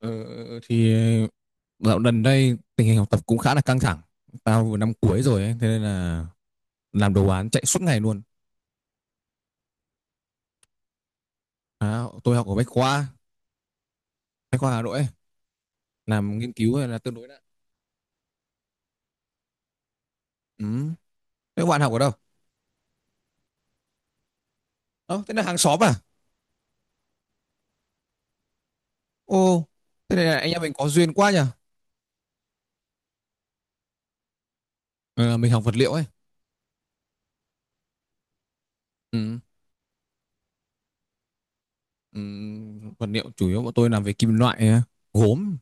Ờ, thì ờ, dạo gần đây tình hình học tập cũng khá là căng thẳng. Tao vừa năm cuối rồi ấy, thế nên là làm đồ án chạy suốt ngày luôn. À, tôi học ở Bách Khoa, Bách Khoa Hà Nội ấy, làm nghiên cứu hay là tương đối đã. Ừ. Thế các bạn học ở đâu? Ờ, thế là hàng xóm à? Ô, thế này là anh em mình có duyên quá nhỉ? Ờ, mình học vật liệu ấy. Ừ. Ừ. Vật liệu chủ yếu bọn tôi làm về kim loại, gốm,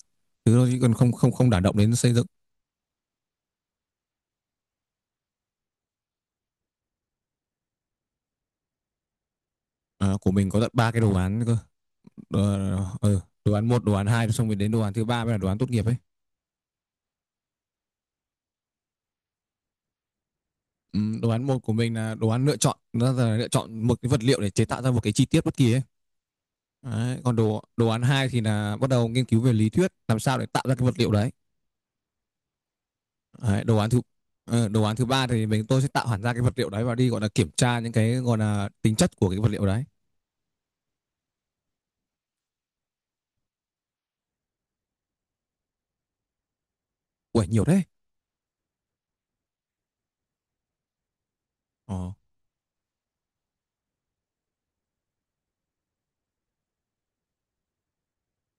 thứ đó chứ còn không không không đả động đến xây dựng. Ờ, của mình có tận ba cái đồ án cơ. đồ, ừ, đồ án một đồ án hai xong rồi đến đồ án thứ ba mới là đồ án tốt nghiệp ấy. Ừ, đồ án một của mình là đồ án lựa chọn, nó là lựa chọn một cái vật liệu để chế tạo ra một cái chi tiết bất kỳ ấy. Đấy, còn đồ đồ án hai thì là bắt đầu nghiên cứu về lý thuyết làm sao để tạo ra cái vật liệu đấy. Đấy đồ án thứ ba thì tôi sẽ tạo hẳn ra cái vật liệu đấy và đi gọi là kiểm tra những cái gọi là tính chất của cái vật liệu đấy. Ui nhiều đấy. Ồ,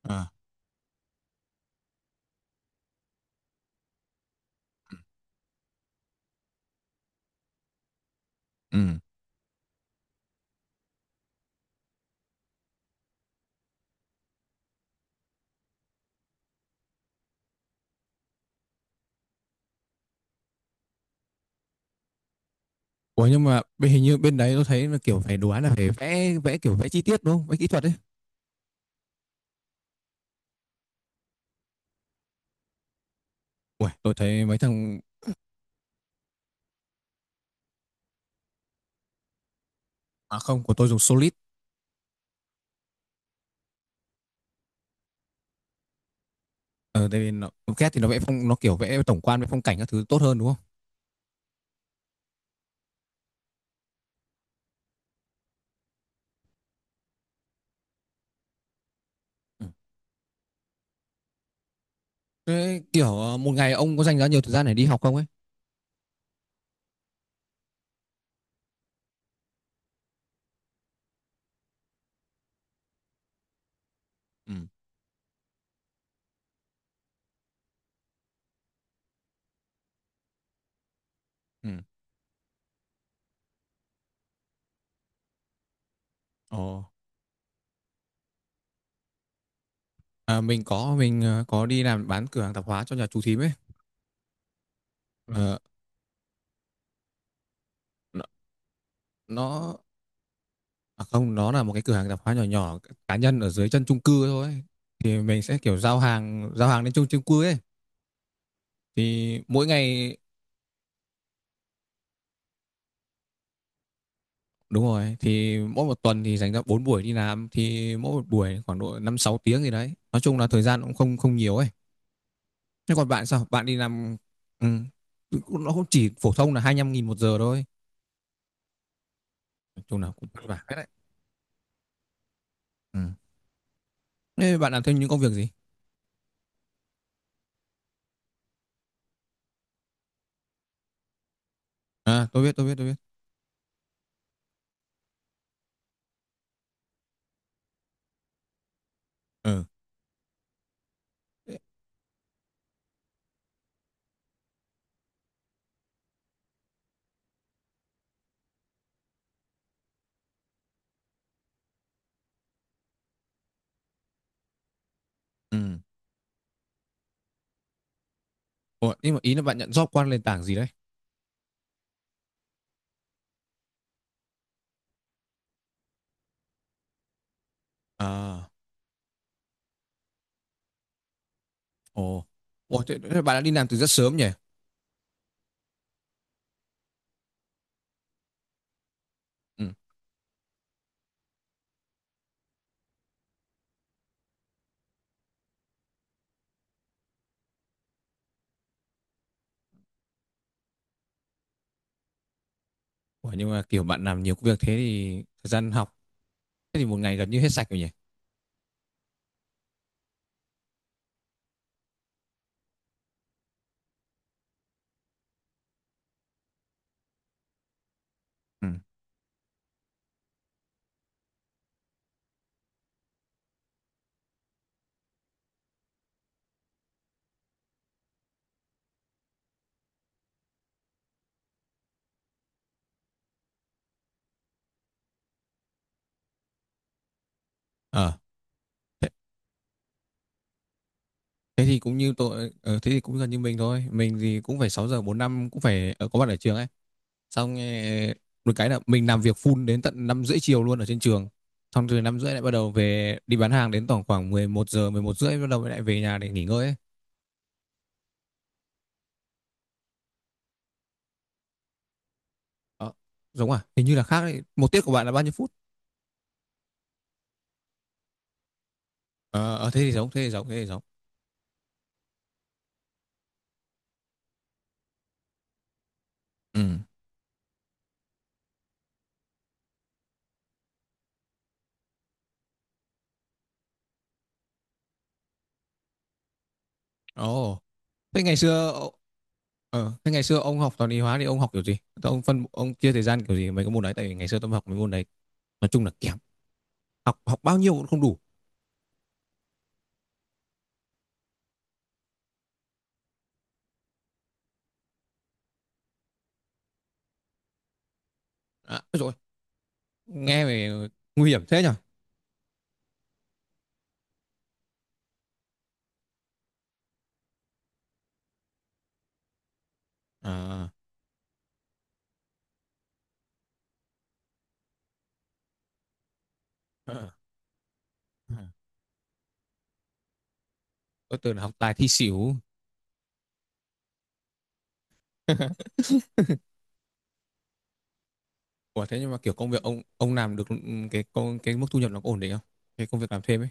à, ừ. Ủa, nhưng mà hình như bên đấy tôi thấy là kiểu phải đồ án là phải vẽ vẽ kiểu vẽ chi tiết đúng không? Vẽ kỹ thuật ấy. Ui, tôi thấy mấy thằng. À không, của tôi dùng Solid. Ờ, tại vì CAD thì nó vẽ phong, nó kiểu vẽ tổng quan với phong cảnh các thứ tốt hơn đúng không? Ừ. Thế kiểu một ngày ông có dành ra nhiều thời gian để đi học không ấy? Ừ. Ừ. Ồ, à, mình có đi làm bán cửa hàng tạp hóa cho nhà chú thím ấy. Ừ. Ờ, nó, nó à không, nó là một cái cửa hàng tạp hóa nhỏ nhỏ cá nhân ở dưới chân chung cư thôi ấy. Thì mình sẽ kiểu giao hàng đến chung chung cư ấy. Thì mỗi ngày. Đúng rồi, thì mỗi một tuần thì dành ra 4 buổi đi làm, thì mỗi một buổi khoảng độ 5 6 tiếng gì đấy. Nói chung là thời gian cũng không không nhiều ấy. Thế còn bạn sao? Bạn đi làm. Ừ, cũng- nó cũng chỉ phổ thông là 25 nghìn một giờ thôi. Nói chung là cũng vất vả hết đấy. Ừ. Thế bạn làm thêm những công việc gì? À, tôi biết, tôi biết, tôi biết. Ừ. Ừ. Ủa, nhưng mà ý là bạn nhận job qua nền tảng gì đấy? À, ồ. Ủa, thế bạn đã đi làm từ rất sớm nhỉ? Ừ. Ủa, nhưng mà kiểu bạn làm nhiều công việc thế thì thời gian học thế thì một ngày gần như hết sạch rồi nhỉ? Ừ. Ờ. Thế thì cũng như tôi, ờ, thế thì cũng gần như mình thôi. Mình thì cũng phải 6:45 cũng phải có mặt ở trường ấy. Xong một cái là mình làm việc full đến tận 5 rưỡi chiều luôn ở trên trường. Xong từ 5 rưỡi lại bắt đầu về đi bán hàng đến tổng khoảng 11 giờ 11 rưỡi bắt đầu lại về nhà để nghỉ ngơi ấy. Ờ, giống à hình như là khác đấy. Một tiết của bạn là bao nhiêu phút? Ờ, Thế thì giống thế thì giống thế thì giống. Ừ. Ồ. Thế ngày xưa ờ, thế ngày xưa ông học toán lý hóa thì ông học kiểu gì? Thế ông phân ông chia thời gian kiểu gì mấy cái môn đấy, tại vì ngày xưa tôi học mấy môn đấy nói chung là kém. Học học bao nhiêu cũng không đủ. À, rồi, nghe về nguy hiểm thế nhở. À, ờ, tôi tưởng là học tài thi xỉu. Ủa thế nhưng mà kiểu công việc ông làm được, cái mức thu nhập nó có ổn định không? Cái công việc làm thêm ấy.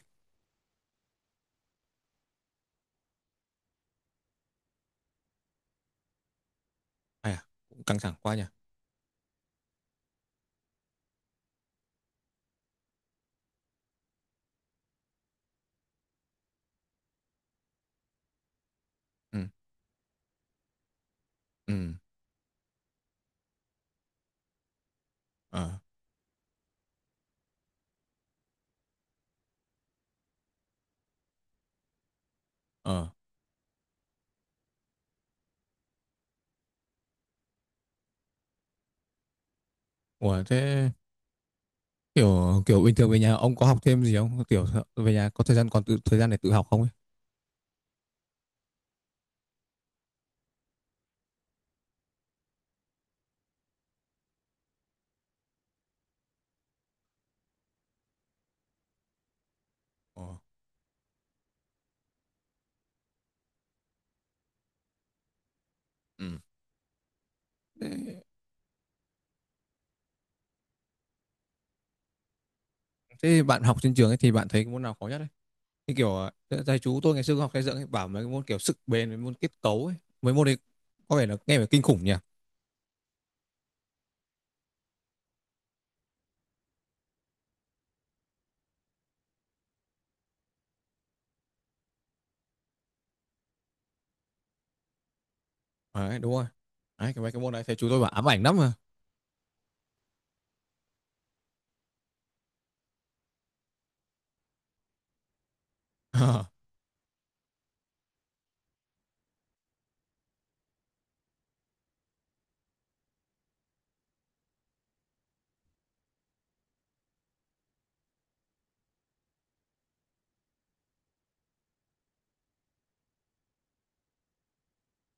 Ai à, cũng căng thẳng quá nhỉ. Ừ, ừ, ờ, ờ. Ủa thế kiểu kiểu bình thường về nhà ông có học thêm gì không, kiểu về nhà có thời gian để tự học không ấy? Ờ. Ừ. thế, thế bạn học trên trường ấy thì bạn thấy cái môn nào khó nhất ấy, thì kiểu thầy chú tôi ngày xưa học xây dựng ấy, bảo mấy cái môn kiểu sức bền, mấy môn kết cấu ấy, mấy môn đấy có vẻ là nghe phải kinh khủng nhỉ. Đấy đúng rồi, đấy mấy cái môn đấy thầy chú tôi bảo ám ảnh lắm mà.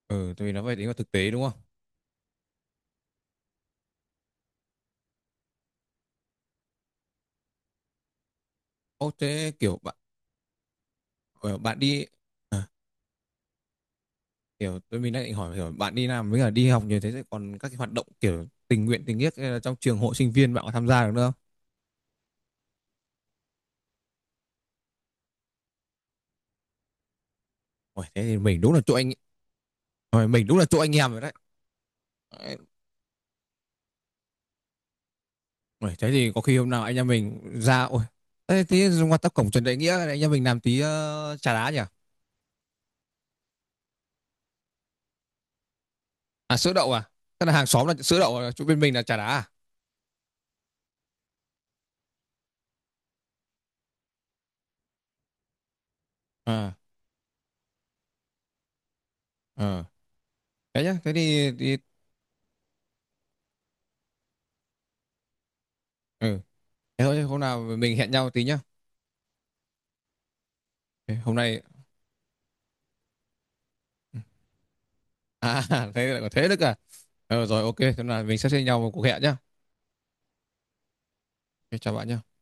Ừ, tại vì nó phải tính vào thực tế đúng không? Ô thế kiểu bạn đi. Kiểu mình đang định hỏi, kiểu bạn đi làm với cả đi học như thế thì còn các cái hoạt động kiểu tình nguyện tình nghĩa hay là trong trường hội sinh viên bạn có tham gia được nữa không? Ôi, thế thì mình đúng là chỗ anh. Ôi, mình đúng là chỗ anh em rồi đấy. Ôi, thế thì có khi hôm nào anh em mình ra ôi thế thế qua tắp cổng Trần Đại Nghĩa này, anh em mình làm tí trà đá nhỉ? À sữa đậu à? Tức là hàng xóm là sữa đậu à? Chỗ bên mình là trà đá à? À, ờ. Thế nhá, thế thì. Ừ. Thế thôi hôm nào mình hẹn nhau tí nhá. Thế hôm nay. À thế lại có thế được à? Ờ, rồi ok, thế là mình sẽ xem nhau một cuộc hẹn nhá. OK, chào bạn nhé.